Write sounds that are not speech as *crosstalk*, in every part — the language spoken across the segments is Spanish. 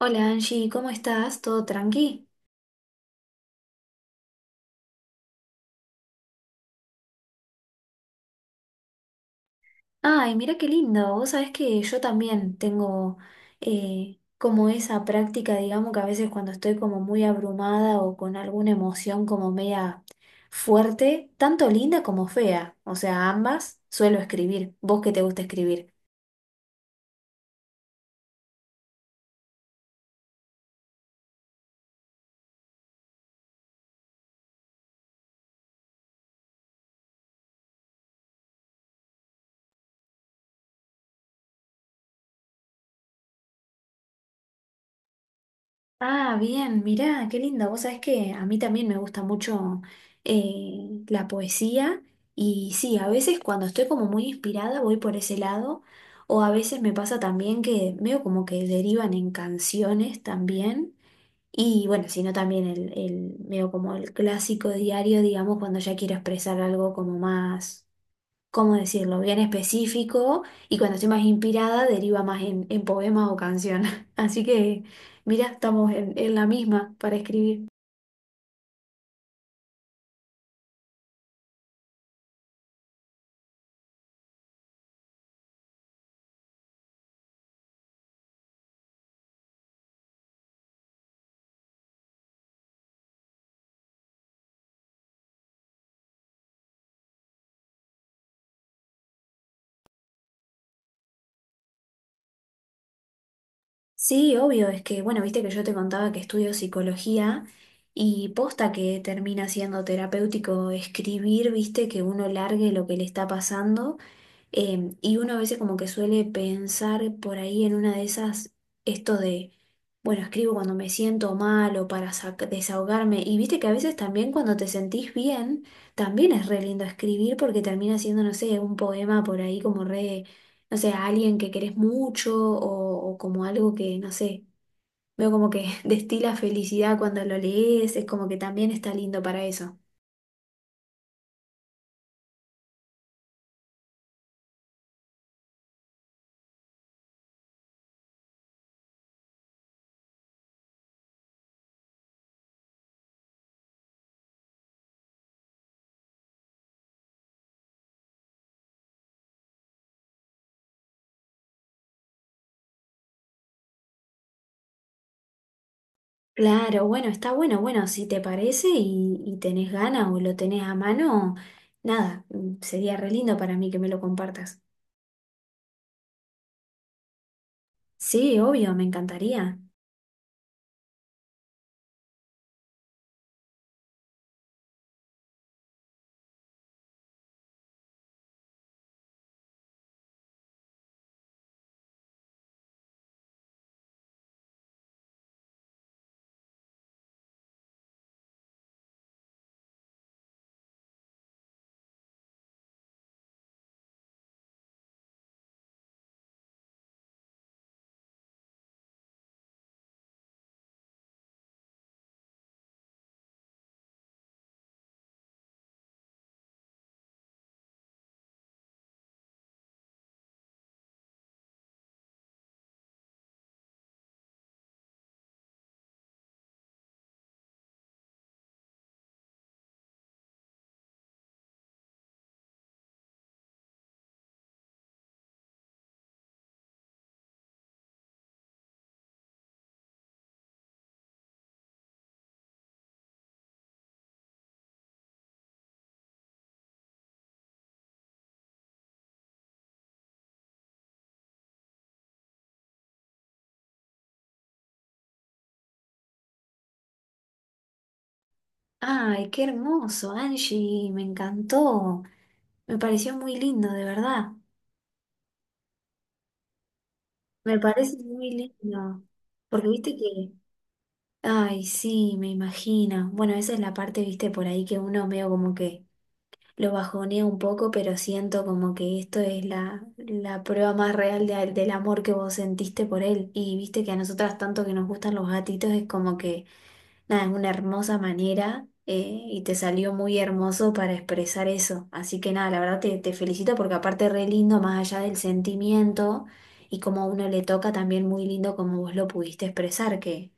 Hola Angie, ¿cómo estás? ¿Todo tranqui? Ay, mira qué lindo. Vos sabés que yo también tengo como esa práctica, digamos que a veces cuando estoy como muy abrumada o con alguna emoción como media fuerte, tanto linda como fea, o sea, ambas suelo escribir. ¿Vos que te gusta escribir? Ah, bien, mirá, qué lindo. Vos sabés que a mí también me gusta mucho la poesía y sí, a veces cuando estoy como muy inspirada voy por ese lado o a veces me pasa también que veo como que derivan en canciones también y bueno, sino también veo como el clásico diario, digamos, cuando ya quiero expresar algo como más ¿cómo decirlo?, bien específico y cuando estoy más inspirada deriva más en poemas o canciones. *laughs* Así que, mira, estamos en la misma para escribir. Sí, obvio, es que, bueno, viste que yo te contaba que estudio psicología y posta que termina siendo terapéutico escribir, viste, que uno largue lo que le está pasando. Y uno a veces como que suele pensar por ahí en una de esas, esto de, bueno, escribo cuando me siento mal o para desahogarme. Y viste que a veces también cuando te sentís bien, también es re lindo escribir porque termina siendo, no sé, un poema por ahí como re, no sé, a alguien que querés mucho o como algo que, no sé, veo como que *laughs* destila felicidad cuando lo lees, es como que también está lindo para eso. Claro, bueno, está bueno, bueno, si te parece y tenés ganas o lo tenés a mano, nada, sería re lindo para mí que me lo compartas. Sí, obvio, me encantaría. Ay, qué hermoso, Angie, me encantó. Me pareció muy lindo, de verdad. Me parece muy lindo. Porque viste que, ay, sí, me imagino. Bueno, esa es la parte, viste, por ahí que uno veo como que lo bajonea un poco, pero siento como que esto es la prueba más real del amor que vos sentiste por él. Y viste que a nosotras tanto que nos gustan los gatitos es como que, nada, es una hermosa manera, y te salió muy hermoso para expresar eso. Así que nada, la verdad te, te felicito porque aparte es re lindo, más allá del sentimiento y como a uno le toca, también muy lindo como vos lo pudiste expresar, que...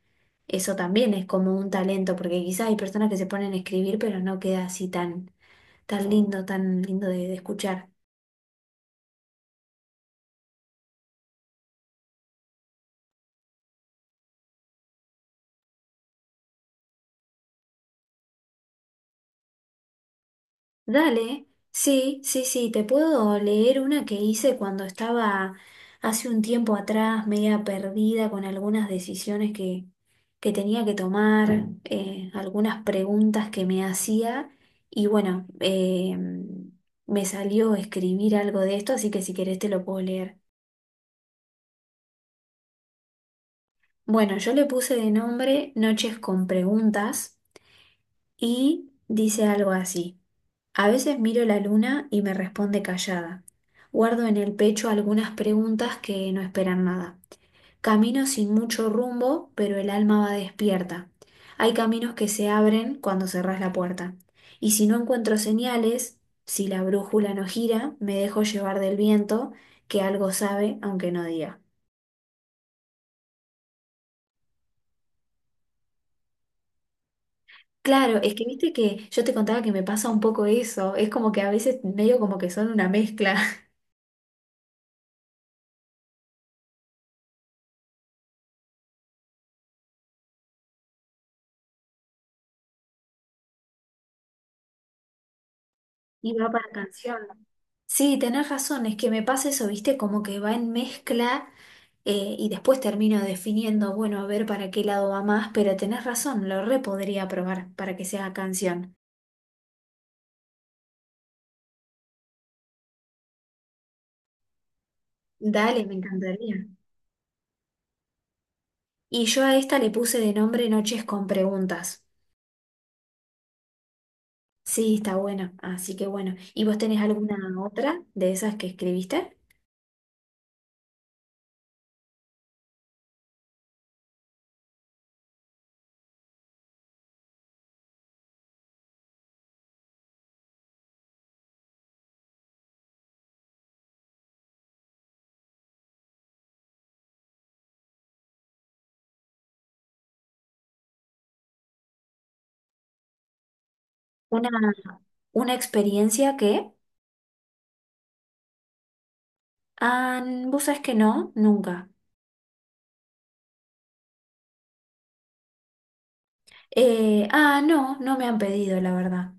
eso también es como un talento, porque quizás hay personas que se ponen a escribir, pero no queda así tan, tan lindo, tan lindo de escuchar. Dale, sí, sí, sí, te puedo leer una que hice cuando estaba hace un tiempo atrás, media perdida con algunas decisiones que tenía que tomar, algunas preguntas que me hacía y bueno, me salió escribir algo de esto, así que si querés te lo puedo leer. Bueno, yo le puse de nombre Noches con Preguntas y dice algo así. A veces miro la luna y me responde callada. Guardo en el pecho algunas preguntas que no esperan nada. Camino sin mucho rumbo, pero el alma va despierta. Hay caminos que se abren cuando cerrás la puerta. Y si no encuentro señales, si la brújula no gira, me dejo llevar del viento, que algo sabe, aunque no diga. Claro, es que viste que yo te contaba que me pasa un poco eso. Es como que a veces medio como que son una mezcla. *laughs* Y va para canción. Sí, tenés razón, es que me pasa eso, viste, como que va en mezcla, y después termino definiendo, bueno, a ver para qué lado va más, pero tenés razón, lo re podría probar para que sea canción. Dale, me encantaría. Y yo a esta le puse de nombre Noches con preguntas. Sí, está bueno, así que bueno. ¿Y vos tenés alguna otra de esas que escribiste? Una, una experiencia que... ah, vos sabés que no, nunca. No, no me han pedido, la verdad.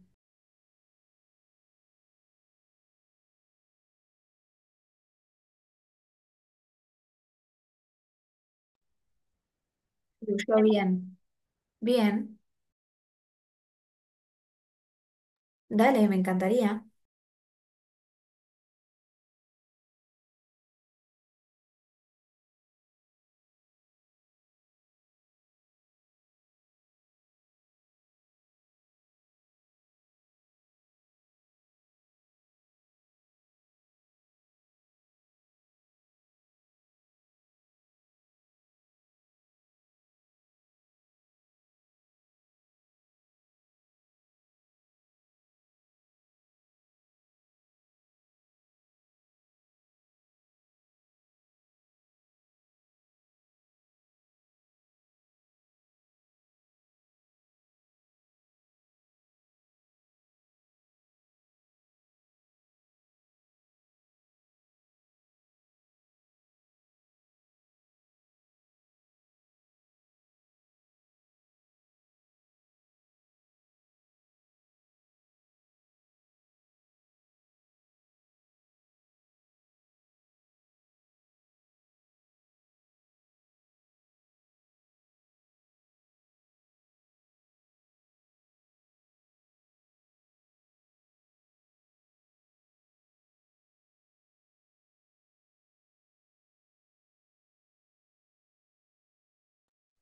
Yo bien. Bien, dale, me encantaría.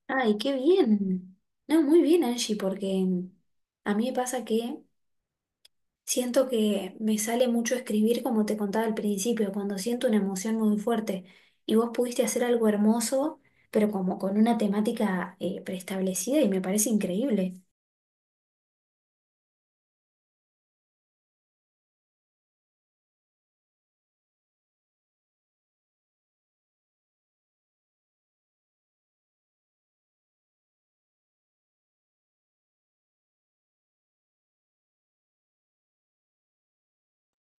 Ay, qué bien. No, muy bien, Angie, porque a mí me pasa que siento que me sale mucho escribir, como te contaba al principio, cuando siento una emoción muy fuerte. Y vos pudiste hacer algo hermoso, pero como con una temática, preestablecida y me parece increíble.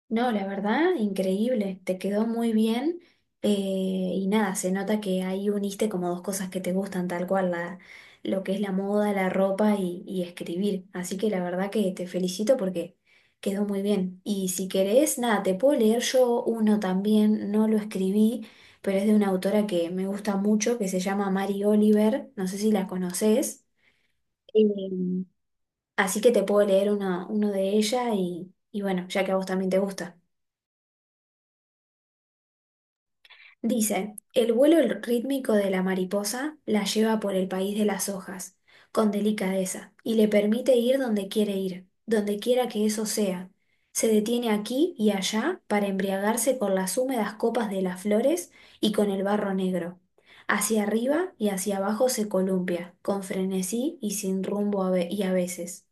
No, la verdad, increíble, te quedó muy bien, eh, y nada, se nota que ahí uniste como dos cosas que te gustan tal cual, la, lo que es la moda, la ropa y escribir. Así que la verdad que te felicito porque quedó muy bien. Y si querés, nada, te puedo leer yo uno también, no lo escribí, pero es de una autora que me gusta mucho, que se llama Mary Oliver, no sé si la conoces. Eh, así que te puedo leer uno, uno de ella y bueno, ya que a vos también te gusta. Dice, el vuelo rítmico de la mariposa la lleva por el país de las hojas, con delicadeza, y le permite ir donde quiere ir, donde quiera que eso sea. Se detiene aquí y allá para embriagarse con las húmedas copas de las flores y con el barro negro. Hacia arriba y hacia abajo se columpia, con frenesí y sin rumbo y a veces.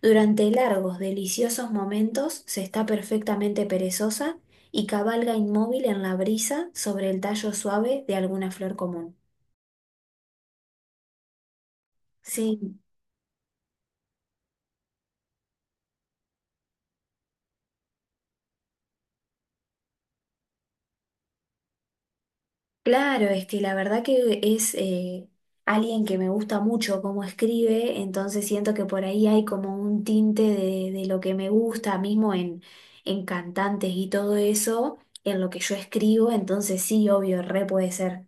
Durante largos, deliciosos momentos se está perfectamente perezosa y cabalga inmóvil en la brisa sobre el tallo suave de alguna flor común. Sí, claro, es que la verdad que es, alguien que me gusta mucho cómo escribe, entonces siento que por ahí hay como un tinte de lo que me gusta mismo en cantantes y todo eso, en lo que yo escribo, entonces sí, obvio, re puede ser.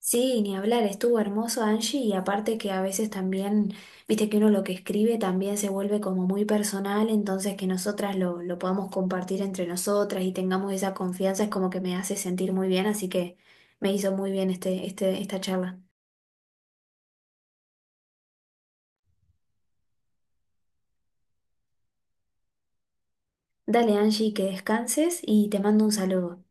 Sí, ni hablar, estuvo hermoso Angie y aparte que a veces también, viste que uno lo que escribe también se vuelve como muy personal, entonces que nosotras lo podamos compartir entre nosotras y tengamos esa confianza es como que me hace sentir muy bien, así que me hizo muy bien esta charla. Dale Angie, que descanses y te mando un saludo.